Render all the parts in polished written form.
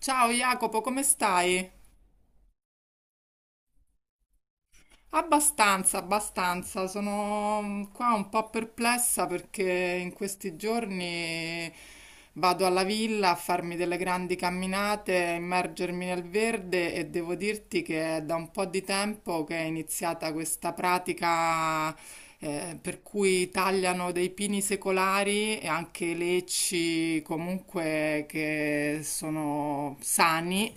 Ciao Jacopo, come stai? Abbastanza, abbastanza. Sono qua un po' perplessa perché in questi giorni vado alla villa a farmi delle grandi camminate, a immergermi nel verde e devo dirti che è da un po' di tempo che è iniziata questa pratica, per cui tagliano dei pini secolari e anche lecci comunque che sono sani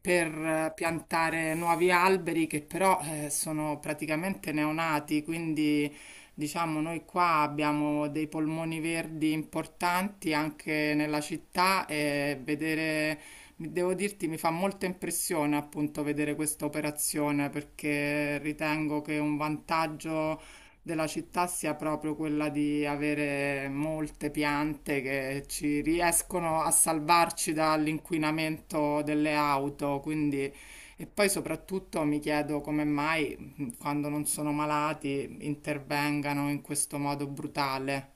per, piantare nuovi alberi che però sono praticamente neonati. Quindi diciamo, noi qua abbiamo dei polmoni verdi importanti anche nella città e vedere, devo dirti, mi fa molta impressione appunto vedere questa operazione, perché ritengo che un vantaggio della città sia proprio quella di avere molte piante che ci riescono a salvarci dall'inquinamento delle auto. Quindi e poi soprattutto mi chiedo come mai, quando non sono malati, intervengano in questo modo brutale.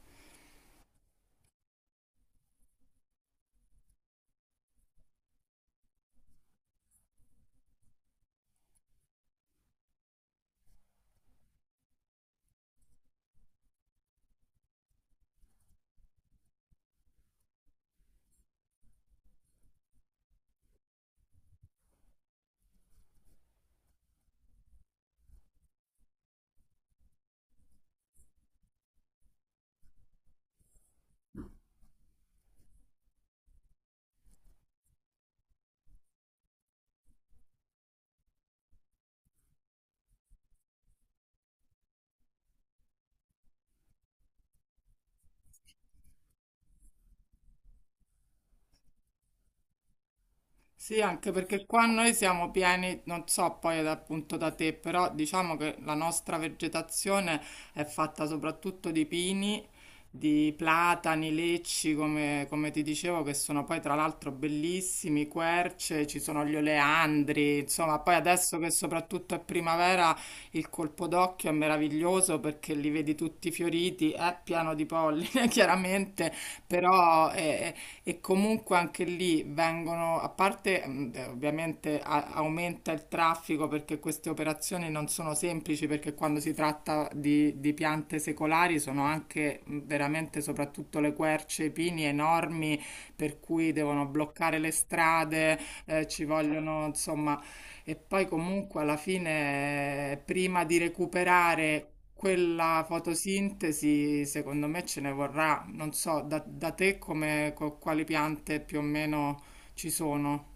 Sì, anche perché qua noi siamo pieni, non so poi appunto da te, però diciamo che la nostra vegetazione è fatta soprattutto di pini, di platani, lecci, come, come ti dicevo, che sono poi tra l'altro bellissimi, querce, ci sono gli oleandri, insomma, poi adesso che soprattutto è primavera il colpo d'occhio è meraviglioso perché li vedi tutti fioriti, è pieno di polline chiaramente, però... e comunque anche lì vengono, a parte ovviamente aumenta il traffico, perché queste operazioni non sono semplici, perché quando si tratta di piante secolari sono anche, veramente soprattutto le querce, i pini enormi, per cui devono bloccare le strade, ci vogliono insomma. E poi comunque alla fine, prima di recuperare quella fotosintesi, secondo me ce ne vorrà. Non so, da, da te come, quali piante più o meno ci sono.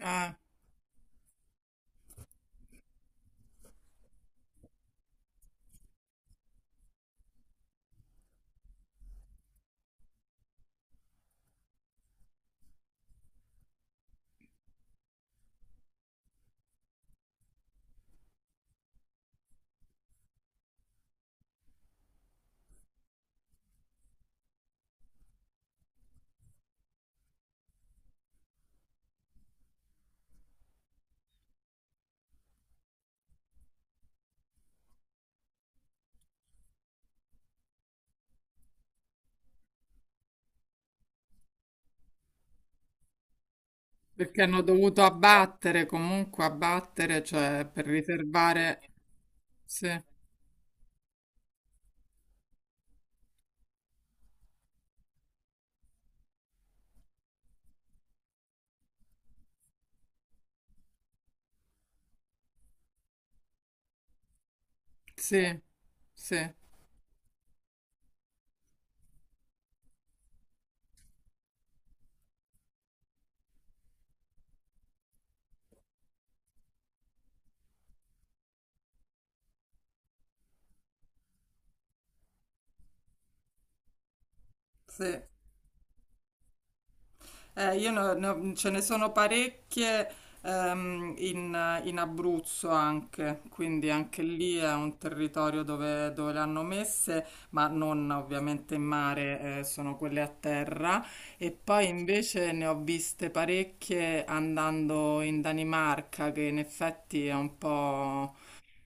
Eh, perché hanno dovuto abbattere, comunque abbattere, cioè per riservare... Sì, sì, sì, sì. Io ce ne sono parecchie, in, in Abruzzo anche, quindi anche lì è un territorio dove, dove le hanno messe, ma non ovviamente in mare, sono quelle a terra. E poi invece ne ho viste parecchie andando in Danimarca, che in effetti è un po'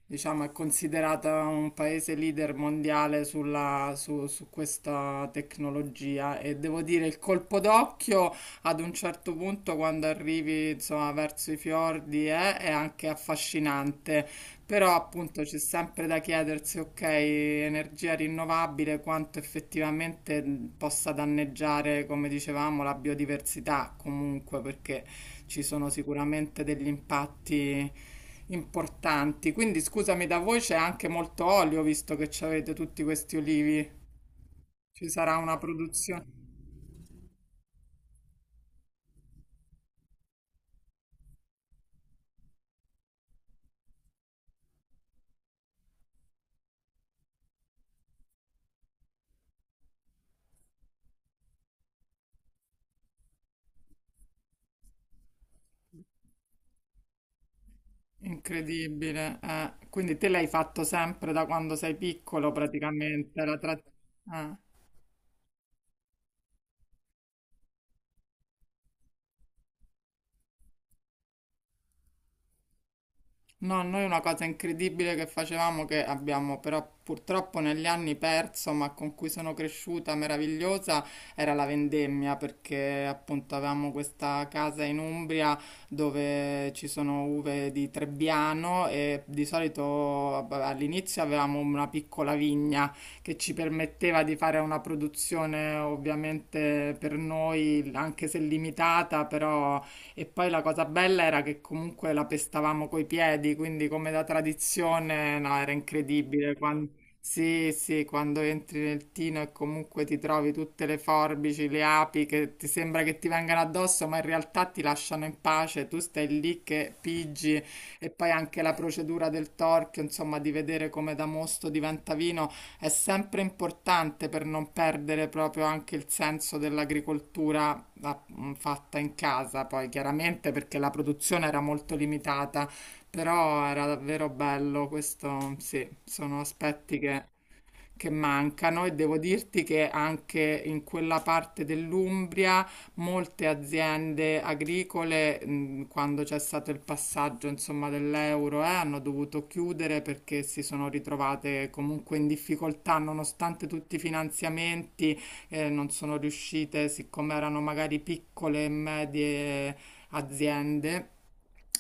diciamo, è considerata un paese leader mondiale su, su questa tecnologia, e devo dire il colpo d'occhio ad un certo punto quando arrivi, insomma, verso i fiordi, è anche affascinante, però appunto c'è sempre da chiedersi, ok, energia rinnovabile, quanto effettivamente, possa danneggiare, come dicevamo, la biodiversità comunque, perché ci sono sicuramente degli impatti importanti. Quindi scusami, da voi c'è anche molto olio, visto che ci avete tutti questi olivi. Ci sarà una produzione incredibile. Eh. Quindi te l'hai fatto sempre da quando sei piccolo, praticamente, la eh. No, noi una cosa incredibile che facevamo, che abbiamo però purtroppo negli anni perso, ma con cui sono cresciuta meravigliosa, era la vendemmia, perché appunto avevamo questa casa in Umbria dove ci sono uve di Trebbiano, e di solito vabbè, all'inizio avevamo una piccola vigna che ci permetteva di fare una produzione ovviamente per noi, anche se limitata, però. E poi la cosa bella era che comunque la pestavamo coi piedi, quindi come da tradizione, no, era incredibile. Sì, sì, quando entri nel tino e comunque ti trovi tutte le forbici, le api che ti sembra che ti vengano addosso, ma in realtà ti lasciano in pace, tu stai lì che piggi, e poi anche la procedura del torchio, insomma, di vedere come da mosto diventa vino è sempre importante per non perdere proprio anche il senso dell'agricoltura a, fatta in casa poi chiaramente perché la produzione era molto limitata, però era davvero bello, questo sì, sono aspetti che mancano, e devo dirti che anche in quella parte dell'Umbria molte aziende agricole, quando c'è stato il passaggio, insomma, dell'euro, hanno dovuto chiudere perché si sono ritrovate comunque in difficoltà, nonostante tutti i finanziamenti, non sono riuscite, siccome erano magari piccole e medie aziende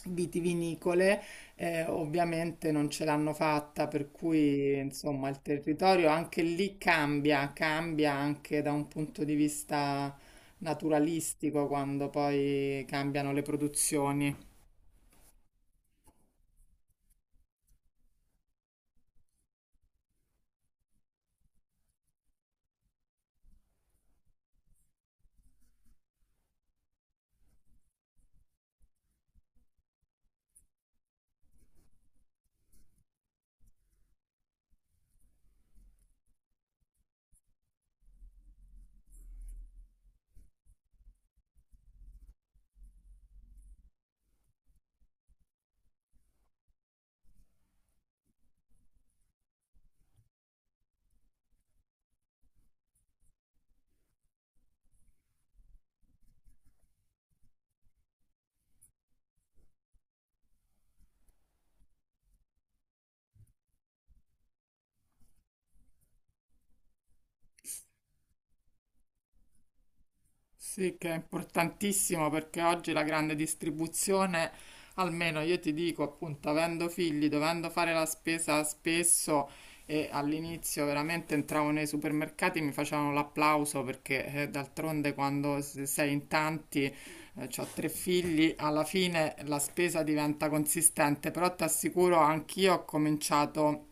vitivinicole, ovviamente non ce l'hanno fatta, per cui insomma il territorio anche lì cambia, cambia anche da un punto di vista naturalistico quando poi cambiano le produzioni. Sì, che è importantissimo perché oggi la grande distribuzione, almeno io ti dico, appunto, avendo figli, dovendo fare la spesa spesso, e all'inizio veramente entravo nei supermercati, mi facevano l'applauso perché d'altronde quando sei in tanti, ho tre figli, alla fine la spesa diventa consistente, però ti assicuro, anch'io ho cominciato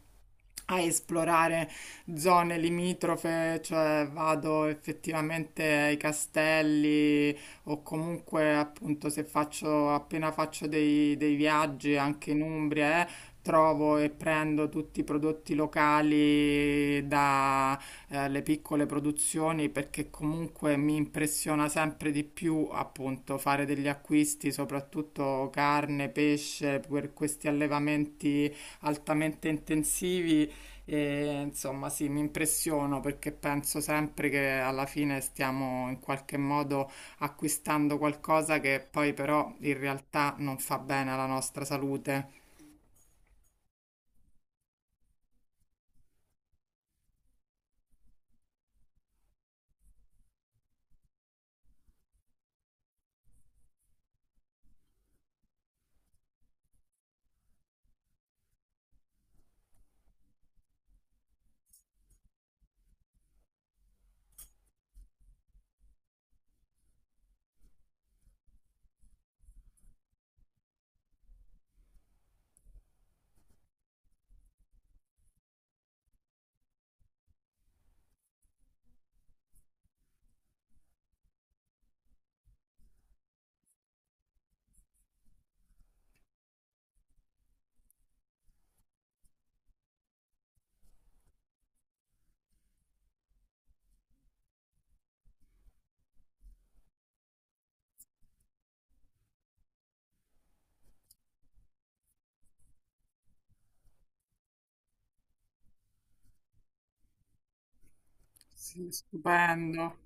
a esplorare zone limitrofe, cioè vado effettivamente ai castelli, o comunque appunto se faccio appena faccio dei, dei viaggi anche in Umbria, trovo e prendo tutti i prodotti locali da, le piccole produzioni, perché comunque mi impressiona sempre di più appunto fare degli acquisti, soprattutto carne, pesce, per questi allevamenti altamente intensivi, e insomma, sì, mi impressiono perché penso sempre che alla fine stiamo in qualche modo acquistando qualcosa che poi però in realtà non fa bene alla nostra salute. Sì, stupendo.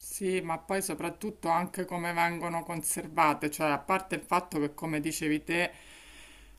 Sì, ma poi soprattutto anche come vengono conservate, cioè a parte il fatto che, come dicevi te,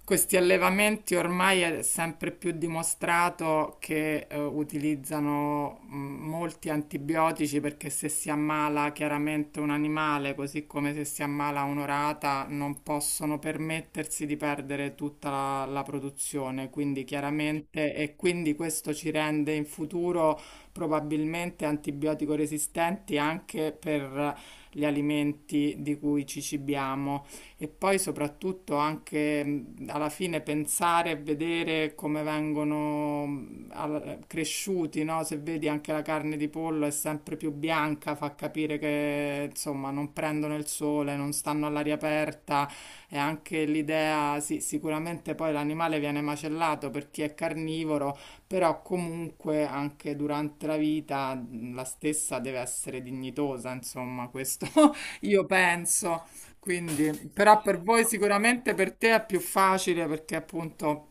questi allevamenti ormai è sempre più dimostrato che utilizzano, molti antibiotici, perché se si ammala chiaramente un animale, così come se si ammala un'orata, non possono permettersi di perdere tutta la produzione, quindi chiaramente, e quindi questo ci rende in futuro probabilmente antibiotico resistenti anche per gli alimenti di cui ci cibiamo, e poi soprattutto anche, alla fine pensare e vedere come vengono, cresciuti, no? Se vedi anche la carne di pollo è sempre più bianca, fa capire che insomma non prendono il sole, non stanno all'aria aperta, e anche l'idea, sì, sicuramente poi l'animale viene macellato per chi è carnivoro, però comunque anche durante la vita, la stessa deve essere dignitosa, insomma, questo io penso. Quindi, però per voi sicuramente, per te è più facile perché appunto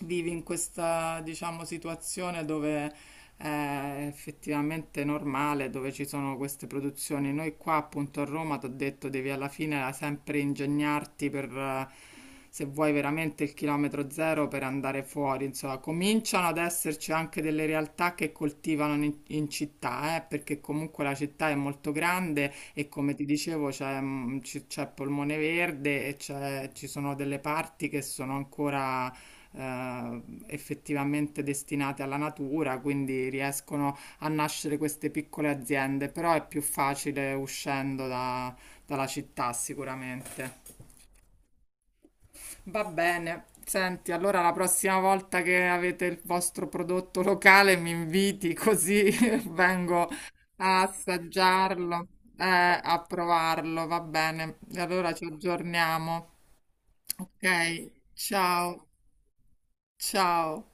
vivi in questa, diciamo, situazione dove è effettivamente normale, dove ci sono queste produzioni. Noi qua appunto a Roma, ti ho detto, devi alla fine sempre ingegnarti per, se vuoi veramente il chilometro zero per andare fuori, insomma, cominciano ad esserci anche delle realtà che coltivano in, in città, perché comunque la città è molto grande, e come ti dicevo c'è, c'è Polmone Verde e ci sono delle parti che sono ancora, eh, effettivamente destinate alla natura, quindi riescono a nascere queste piccole aziende, però è più facile uscendo dalla città sicuramente. Va bene. Senti, allora la prossima volta che avete il vostro prodotto locale mi inviti così vengo a assaggiarlo, a provarlo, va bene. E allora ci aggiorniamo. Ok, ciao, ciao.